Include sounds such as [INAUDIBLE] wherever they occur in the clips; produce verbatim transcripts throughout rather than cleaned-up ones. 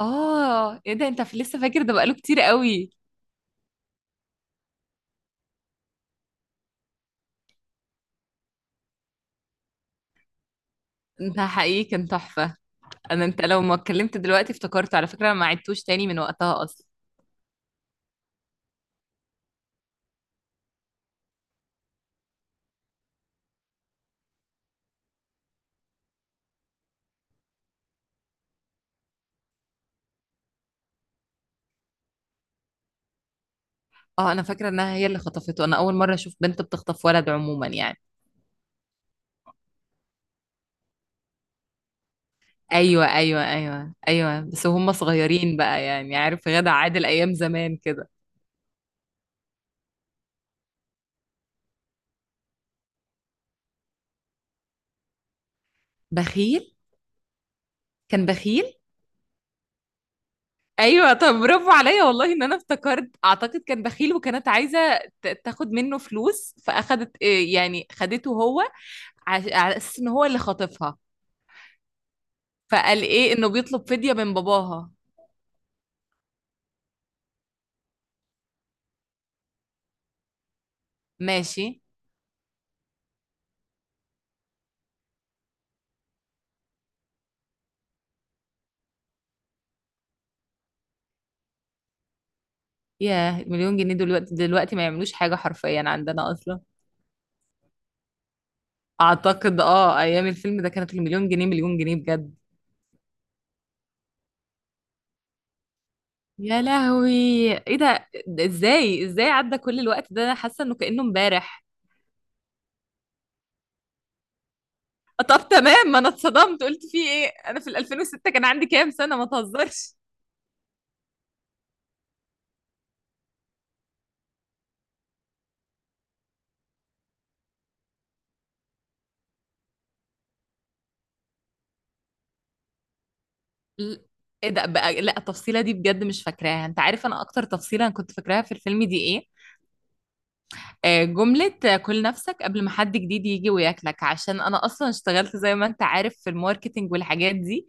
اه، ايه ده. انت ف- لسه فاكر ده؟ بقاله كتير قوي. انت حقيقي كان تحفة. انا، انت لو ما اتكلمت دلوقتي افتكرت، على فكرة انا ما عدتوش تاني من وقتها اصلا. اه انا فاكرة انها هي اللي خطفته. انا اول مرة اشوف بنت بتخطف ولد عموما يعني. ايوه ايوه ايوه ايوه، بس وهم صغيرين بقى، يعني عارف غادة عادل ايام زمان كده. بخيل. كان بخيل. ايوه، طب برافو عليا والله ان انا افتكرت. اعتقد كان بخيل وكانت عايزه ت- تاخد منه فلوس، فاخدت إيه، يعني خدته هو، عش- على اساس ان هو اللي خاطفها، فقال ايه انه بيطلب فديه من باباها. ماشي. ياه، مليون جنيه؟ دلوقتي دلوقتي ما يعملوش حاجه حرفيا عندنا اصلا. اعتقد اه، ايام الفيلم ده كانت المليون جنيه مليون جنيه بجد. يا لهوي، ايه ده؟ ده ازاي ازاي عدى كل الوقت ده؟ انا حاسه انه كانه امبارح. طب تمام، ما انا اتصدمت قلت في ايه، انا في ال ألفين وستة كان عندي كام سنة؟ ما تهزرش. ل- ايه ده بقى؟ لا التفصيلة دي بجد مش فاكراها. انت عارف انا اكتر تفصيلة انا كنت فاكراها في الفيلم دي ايه؟ آه، جملة آه، كل نفسك قبل ما حد جديد يجي وياكلك، عشان انا اصلا اشتغلت زي ما انت عارف في الماركتينج والحاجات دي،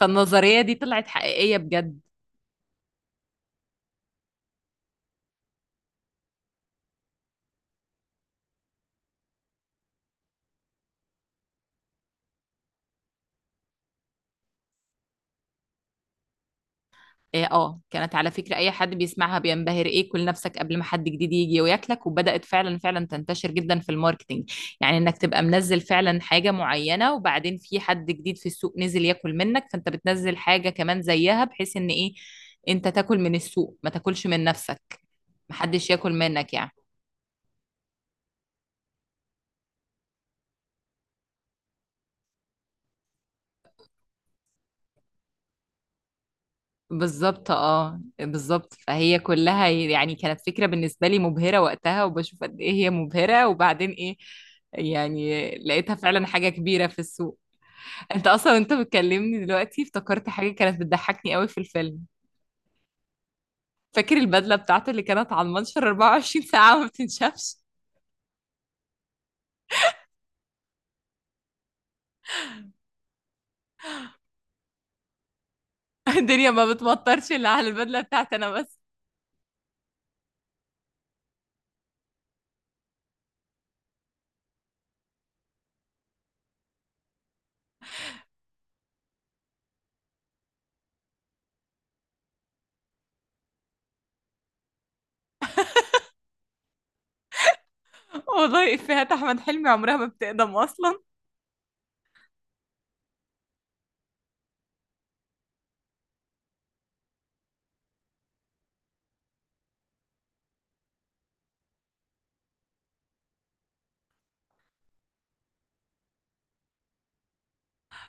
فالنظرية دي طلعت حقيقية بجد. إيه، اه كانت على فكرة اي حد بيسمعها بينبهر، ايه كل نفسك قبل ما حد جديد يجي وياكلك، وبدأت فعلا فعلا تنتشر جدا في الماركتينج. يعني انك تبقى منزل فعلا حاجة معينة، وبعدين في حد جديد في السوق نزل ياكل منك، فانت بتنزل حاجة كمان زيها، بحيث ان ايه، انت تاكل من السوق ما تاكلش من نفسك، محدش ياكل منك يعني. بالظبط، اه بالظبط، فهي كلها يعني كانت فكرة بالنسبة لي مبهرة وقتها، وبشوف قد ايه هي مبهرة، وبعدين ايه، يعني لقيتها فعلا حاجة كبيرة في السوق. انت اصلا، انت بتكلمني دلوقتي افتكرت حاجة كانت بتضحكني قوي في الفيلم. فاكر البدلة بتاعته اللي كانت على المنشر 24 ساعة وما بتنشفش؟ [LAUGHS] الدنيا ما بتمطرش الا على البدلة بتاعتي انا بس. والله افيهات احمد حلمي عمرها ما بتقدم اصلا.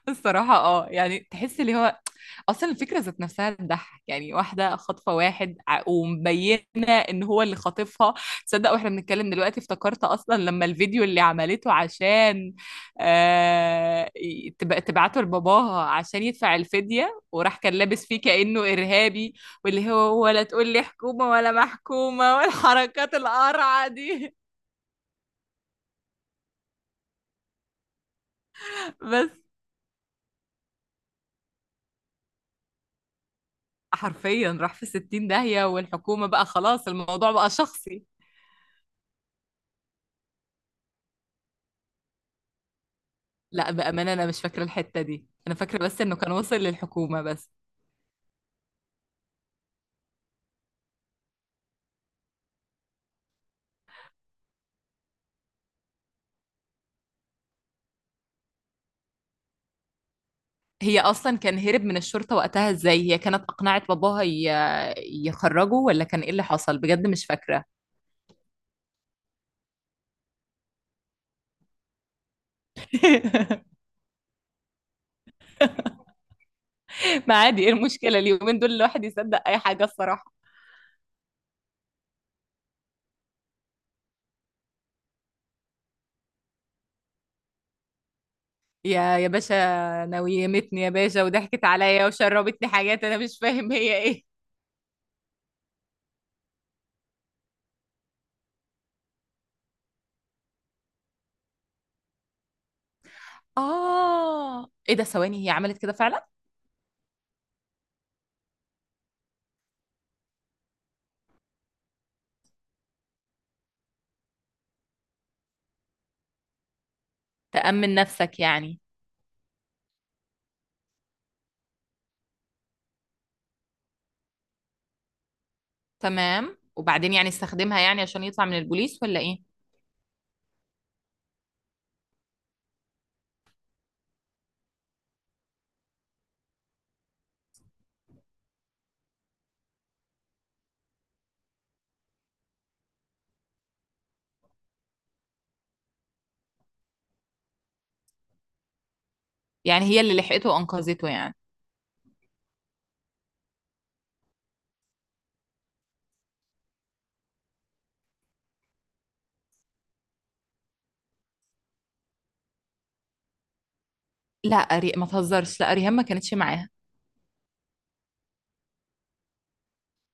الصراحة اه، يعني تحس اللي هو، اصلا الفكرة ذات نفسها تضحك، يعني واحدة خاطفة واحد ع- ومبينة ان هو اللي خاطفها. تصدق واحنا بنتكلم دلوقتي افتكرت اصلا لما الفيديو اللي عملته عشان آه، ي- تب- تبعته لباباها عشان يدفع الفدية، وراح كان لابس فيه كأنه إرهابي، واللي هو ولا تقول لي حكومة ولا محكومة والحركات القرعة دي. [LAUGHS] بس حرفيا راح في 60 داهية، والحكومة بقى خلاص الموضوع بقى شخصي. لا بأمانة أنا مش فاكرة الحتة دي، أنا فاكرة بس إنه كان وصل للحكومة بس. هي أصلا كان هرب من الشرطة وقتها إزاي؟ هي كانت أقنعت باباها ي- يخرجه ولا كان إيه اللي حصل؟ بجد مش فاكرة. [LAUGHS] ما عادي، إيه المشكلة؟ اليومين دول الواحد يصدق أي حاجة الصراحة. يا يا باشا، نويمتني يا باشا وضحكت عليا وشربتني حاجات أنا مش فاهم هي إيه. آه، إيه ده؟ ثواني، هي عملت كده فعلا؟ تأمن نفسك يعني. تمام، وبعدين يعني استخدمها يعني عشان يطلع من البوليس ولا إيه؟ يعني هي اللي لحقته وانقذته يعني. لا ري... ما تهزرش، لا ريهام ما كانتش معاها.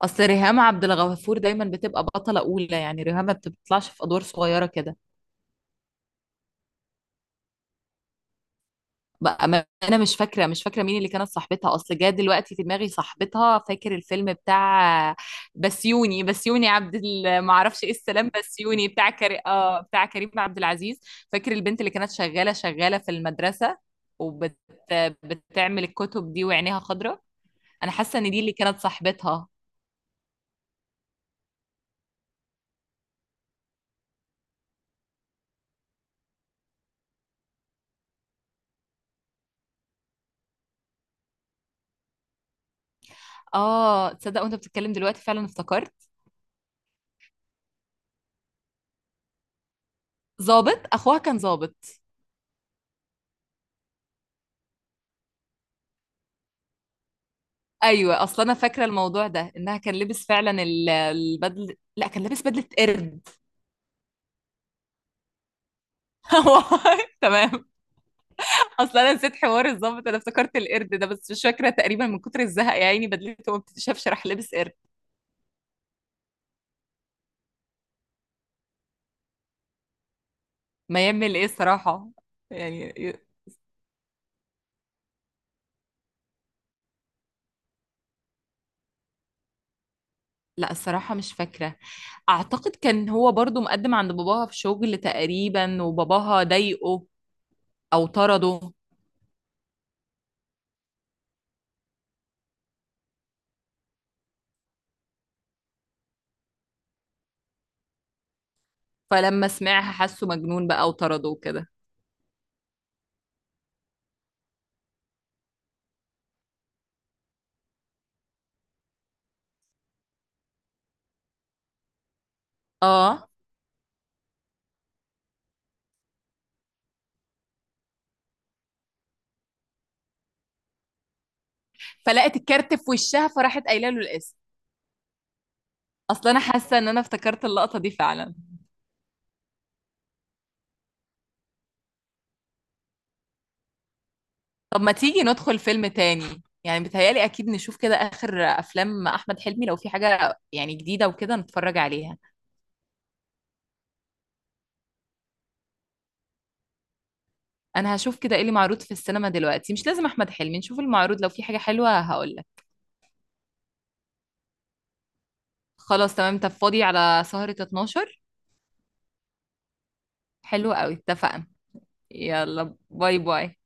اصل ريهام عبد الغفور دايما بتبقى بطلة اولى، يعني ريهام ما بتطلعش في ادوار صغيرة كده. بقى ما انا مش فاكرة، مش فاكرة مين اللي كانت صاحبتها. اصل جه دلوقتي في دماغي صاحبتها، فاكر الفيلم بتاع بسيوني بسيوني عبد ال... ما اعرفش ايه، السلام بسيوني، بتاع كري... اه بتاع كريم عبد العزيز. فاكر البنت اللي كانت شغالة شغالة في المدرسة، وبت... بتعمل الكتب دي وعينيها خضراء؟ انا حاسة ان دي اللي كانت صاحبتها. اه، تصدق وانت بتتكلم دلوقتي فعلا افتكرت. ظابط، اخوها كان ظابط. ايوه، اصل انا فاكره الموضوع ده، انها كان لابس فعلا ال- البدل. لا، كان لابس بدله قرد. [LAUGHS] والله تمام. اصل انا نسيت حوار الظابط، انا افتكرت القرد ده بس، مش فاكره. تقريبا من كتر الزهق يا عيني بدلته ما بتتشافش راح لابس قرد. ما يعمل ايه الصراحه؟ يعني ي- لا الصراحه مش فاكره. اعتقد كان هو برضو مقدم عند باباها في شغل تقريبا، وباباها ضايقه او طرده، فلما سمعها حسه مجنون بقى وطرده وكده. اه، فلقت الكارت في وشها فراحت قايله له الاسم. اصل انا حاسه ان انا افتكرت اللقطه دي فعلا. طب ما تيجي ندخل فيلم تاني، يعني بتهيالي اكيد نشوف كده اخر افلام احمد حلمي، لو في حاجه يعني جديده وكده نتفرج عليها. انا هشوف كده ايه اللي معروض في السينما دلوقتي، مش لازم احمد حلمي، نشوف المعروض لو في حاجه حلوه هقول لك. خلاص تمام، طب فاضي على سهره اتناشر؟ حلو قوي، اتفقنا. يلا باي باي.